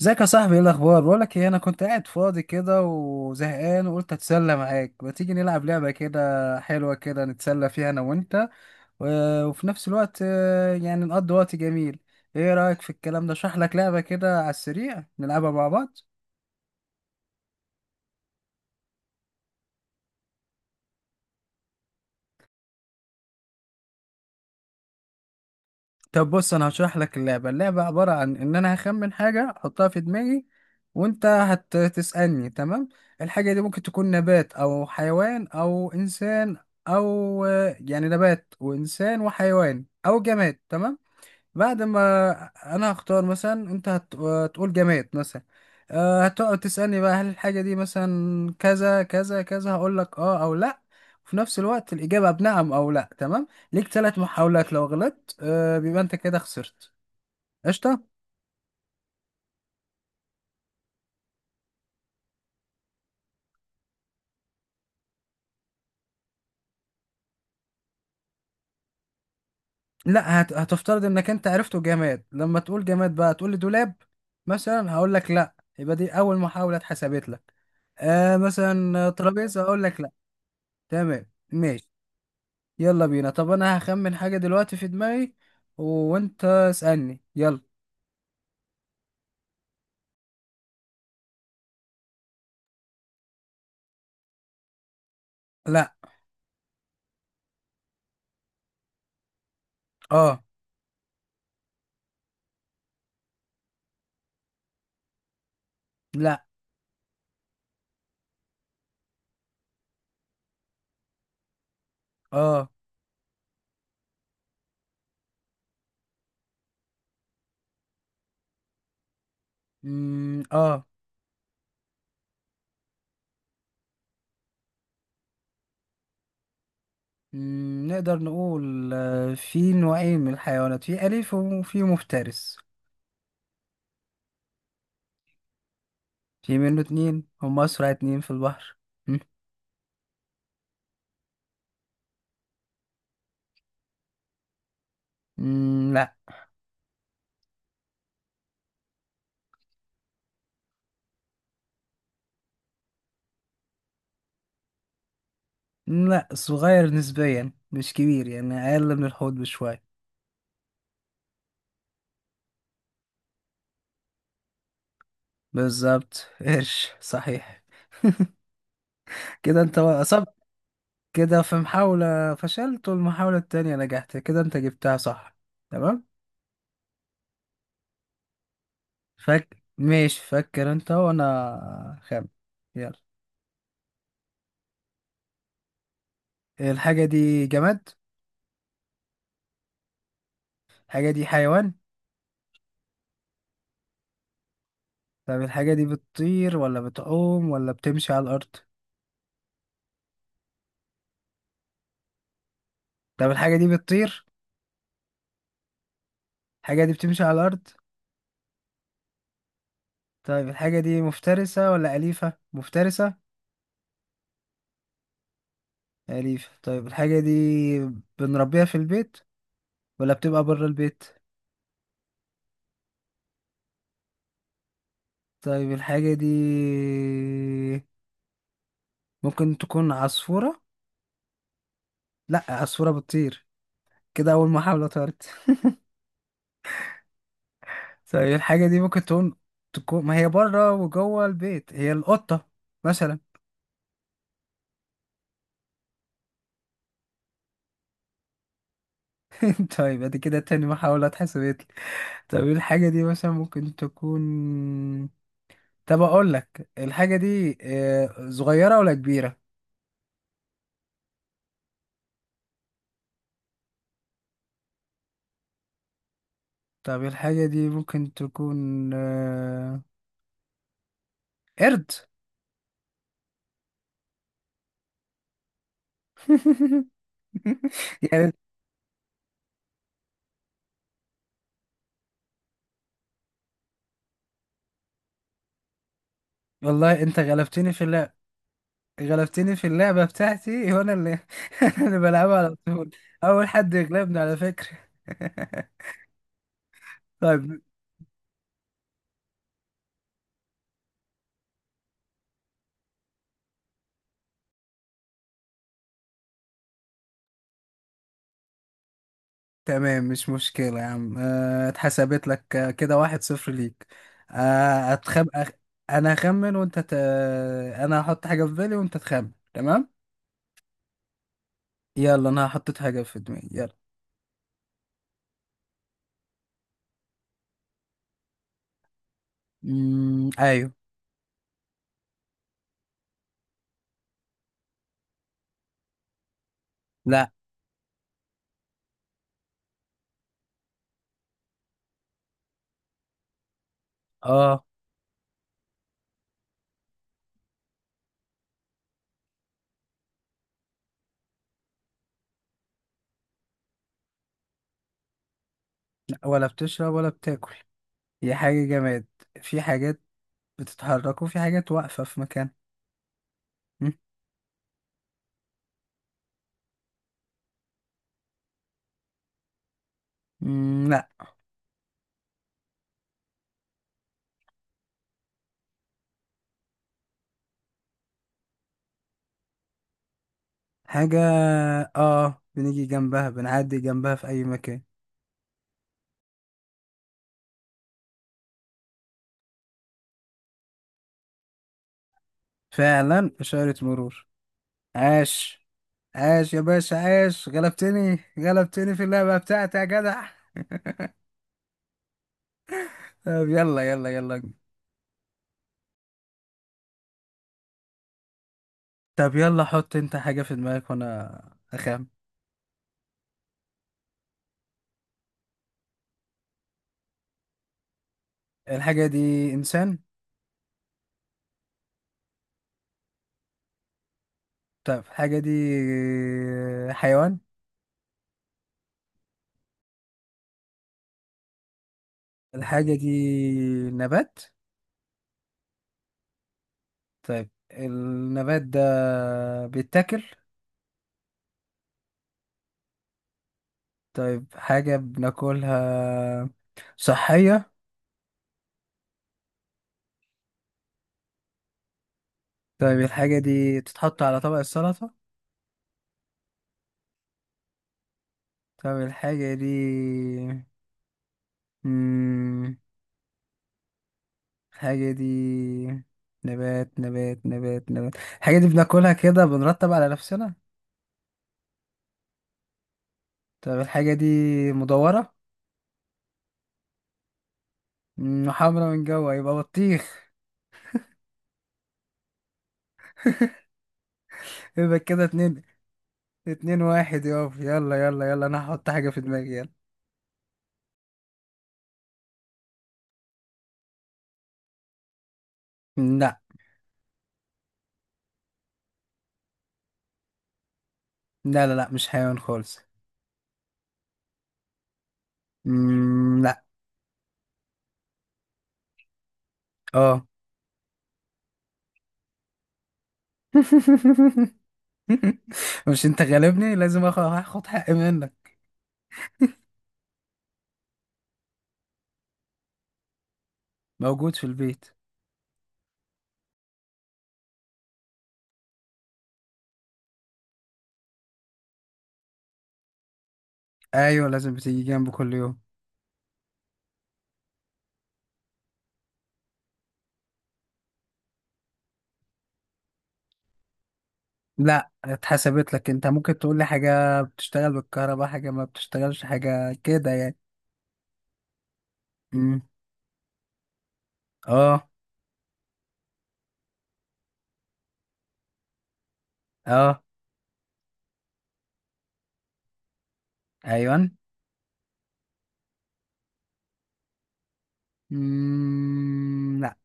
ازيك يا صاحبي؟ ايه الاخبار؟ بقولك ايه، انا كنت قاعد فاضي كده وزهقان، وقلت اتسلى معاك. ما تيجي نلعب لعبه كده حلوه كده نتسلى فيها انا وانت، وفي نفس الوقت يعني نقضي وقت جميل. ايه رايك في الكلام ده؟ اشرح لك لعبه كده على السريع نلعبها مع بعض؟ طب بص، انا هشرح لك اللعبه عباره عن ان انا هخمن حاجه احطها في دماغي، وانت هتسالني، تمام؟ الحاجه دي ممكن تكون نبات او حيوان او انسان، او يعني نبات وانسان وحيوان او جماد، تمام؟ بعد ما انا هختار مثلا، انت هتقول جماد مثلا، هتقعد تسألني بقى، هل الحاجة دي مثلا كذا كذا كذا؟ هقول لك اه او لا. وفي نفس الوقت الإجابة بنعم او لا، تمام؟ ليك 3 محاولات. لو غلطت بيبقى انت كده خسرت. قشطة. لا، هتفترض انك انت عرفته جماد. لما تقول جماد بقى تقول لي دولاب مثلا، هقول لك لا، يبقى دي اول محاولة اتحسبت لك. مثلا ترابيزة، اقول لك لا. تمام. ماشي. يلا بينا. طب انا هخمن حاجة دلوقتي في دماغي، و- وانت اسألني يلا. لا. اه. لا. اه. مم. اه. مم. نقدر نقول في نوعين من الحيوانات، في أليف وفي مفترس. في منه اتنين، هم أسرع اتنين في البحر. مم. لا. لا، صغير نسبيا مش كبير يعني، أقل من الحوض بشوية. بالظبط قرش، صحيح. كده انت كده في محاولة فشلت والمحاولة التانية نجحت، كده انت جبتها صح. تمام. ماشي، فكر انت وانا خام. يلا. الحاجة دي جماد؟ الحاجة دي حيوان؟ طب الحاجة دي بتطير ولا بتعوم ولا بتمشي على الأرض؟ طب الحاجة دي بتطير؟ الحاجة دي بتمشي على الأرض؟ طيب الحاجة دي مفترسة ولا أليفة؟ مفترسة؟ أليفة؟ طيب الحاجة دي بنربيها في البيت ولا بتبقى بره البيت؟ طيب الحاجة دي ممكن تكون عصفورة؟ لا، عصفورة بتطير. كده أول محاولة طارت. طيب الحاجة دي ممكن تكون ما هي بره وجوه البيت، هي القطة مثلا؟ طيب ادي كده تاني محاولة اتحسبت لي. طب إيه الحاجة دي مثلا ممكن تكون؟ طب اقول لك الحاجة دي صغيرة ولا كبيرة؟ طب الحاجة دي ممكن تكون قرد؟ يعني، والله انت غلبتني في اللعبة. غلبتني في اللعبة بتاعتي وانا اللي أنا اللي بلعبها على طول. اول حد يغلبني على فكرة. طيب. تمام، مش مشكلة يا عم. اتحسبت لك كده 1-0 ليك. آه، أتخم... أخ... انا هخمن وانت انا هحط حاجة في بالي وانت تخمن، تمام؟ يلا. انا حطيت حاجة في دماغي، يلا. ايوه. لا. اه. لا، ولا بتشرب ولا بتاكل، هي حاجة جماد. في حاجات بتتحرك وفي حاجات واقفة في مكان. مم. مم، حاجة اه بنيجي جنبها، بنعدي جنبها في أي مكان. فعلا إشارة مرور. عاش. عاش يا باشا عاش، غلبتني، غلبتني في اللعبة بتاعتي يا جدع. طب يلا يلا يلا. طب يلا، حط انت حاجة في دماغك وانا اخام. الحاجة دي انسان؟ طب الحاجة دي حيوان؟ الحاجة دي نبات؟ طيب النبات ده بيتاكل؟ طيب حاجة بناكلها صحية؟ طيب الحاجة دي تتحط على طبق السلطة؟ طب الحاجة دي مم... الحاجة دي نبات نبات نبات نبات، الحاجة دي بناكلها كده بنرتب على نفسنا؟ طب الحاجة دي مدورة؟ وحمرا من جوا، يبقى بطيخ. يبقى كده اتنين. 2-1 يابا. يلا يلا يلا، انا هحط حاجة في دماغي، يلا. لا. لا لا لا، مش حيوان خالص. لا. اه. مش انت غالبني، لازم هاخد حقي منك. موجود في البيت. ايوه لازم بتيجي جنبه كل يوم. لا، اتحسبت لك، انت ممكن تقول لي حاجه بتشتغل بالكهرباء، حاجه ما بتشتغلش، حاجه كده يعني. امم اه. اه. ايوه. لا.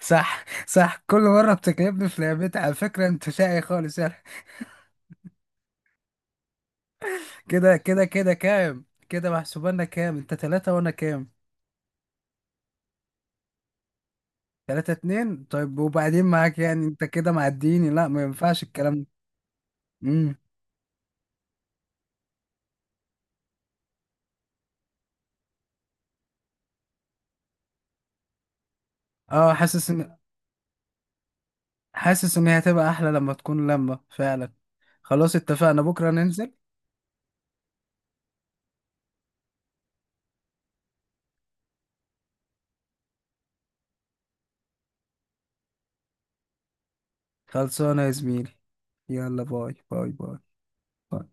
صح صح، كل مره بتكلمني في لعبتي على فكره، انت شقي خالص يعني. كده كده كده كام كده؟ محسوبانا كام؟ انت ثلاثة وانا كام؟ 3-2. طيب وبعدين معاك، يعني انت كده معديني؟ لا، ما ينفعش الكلام ده. امم اه. حاسس ان هي هتبقى احلى لما تكون لمة فعلا. خلاص اتفقنا، بكرة ننزل. خلصانة يا زميلي. يلا باي باي باي. باي.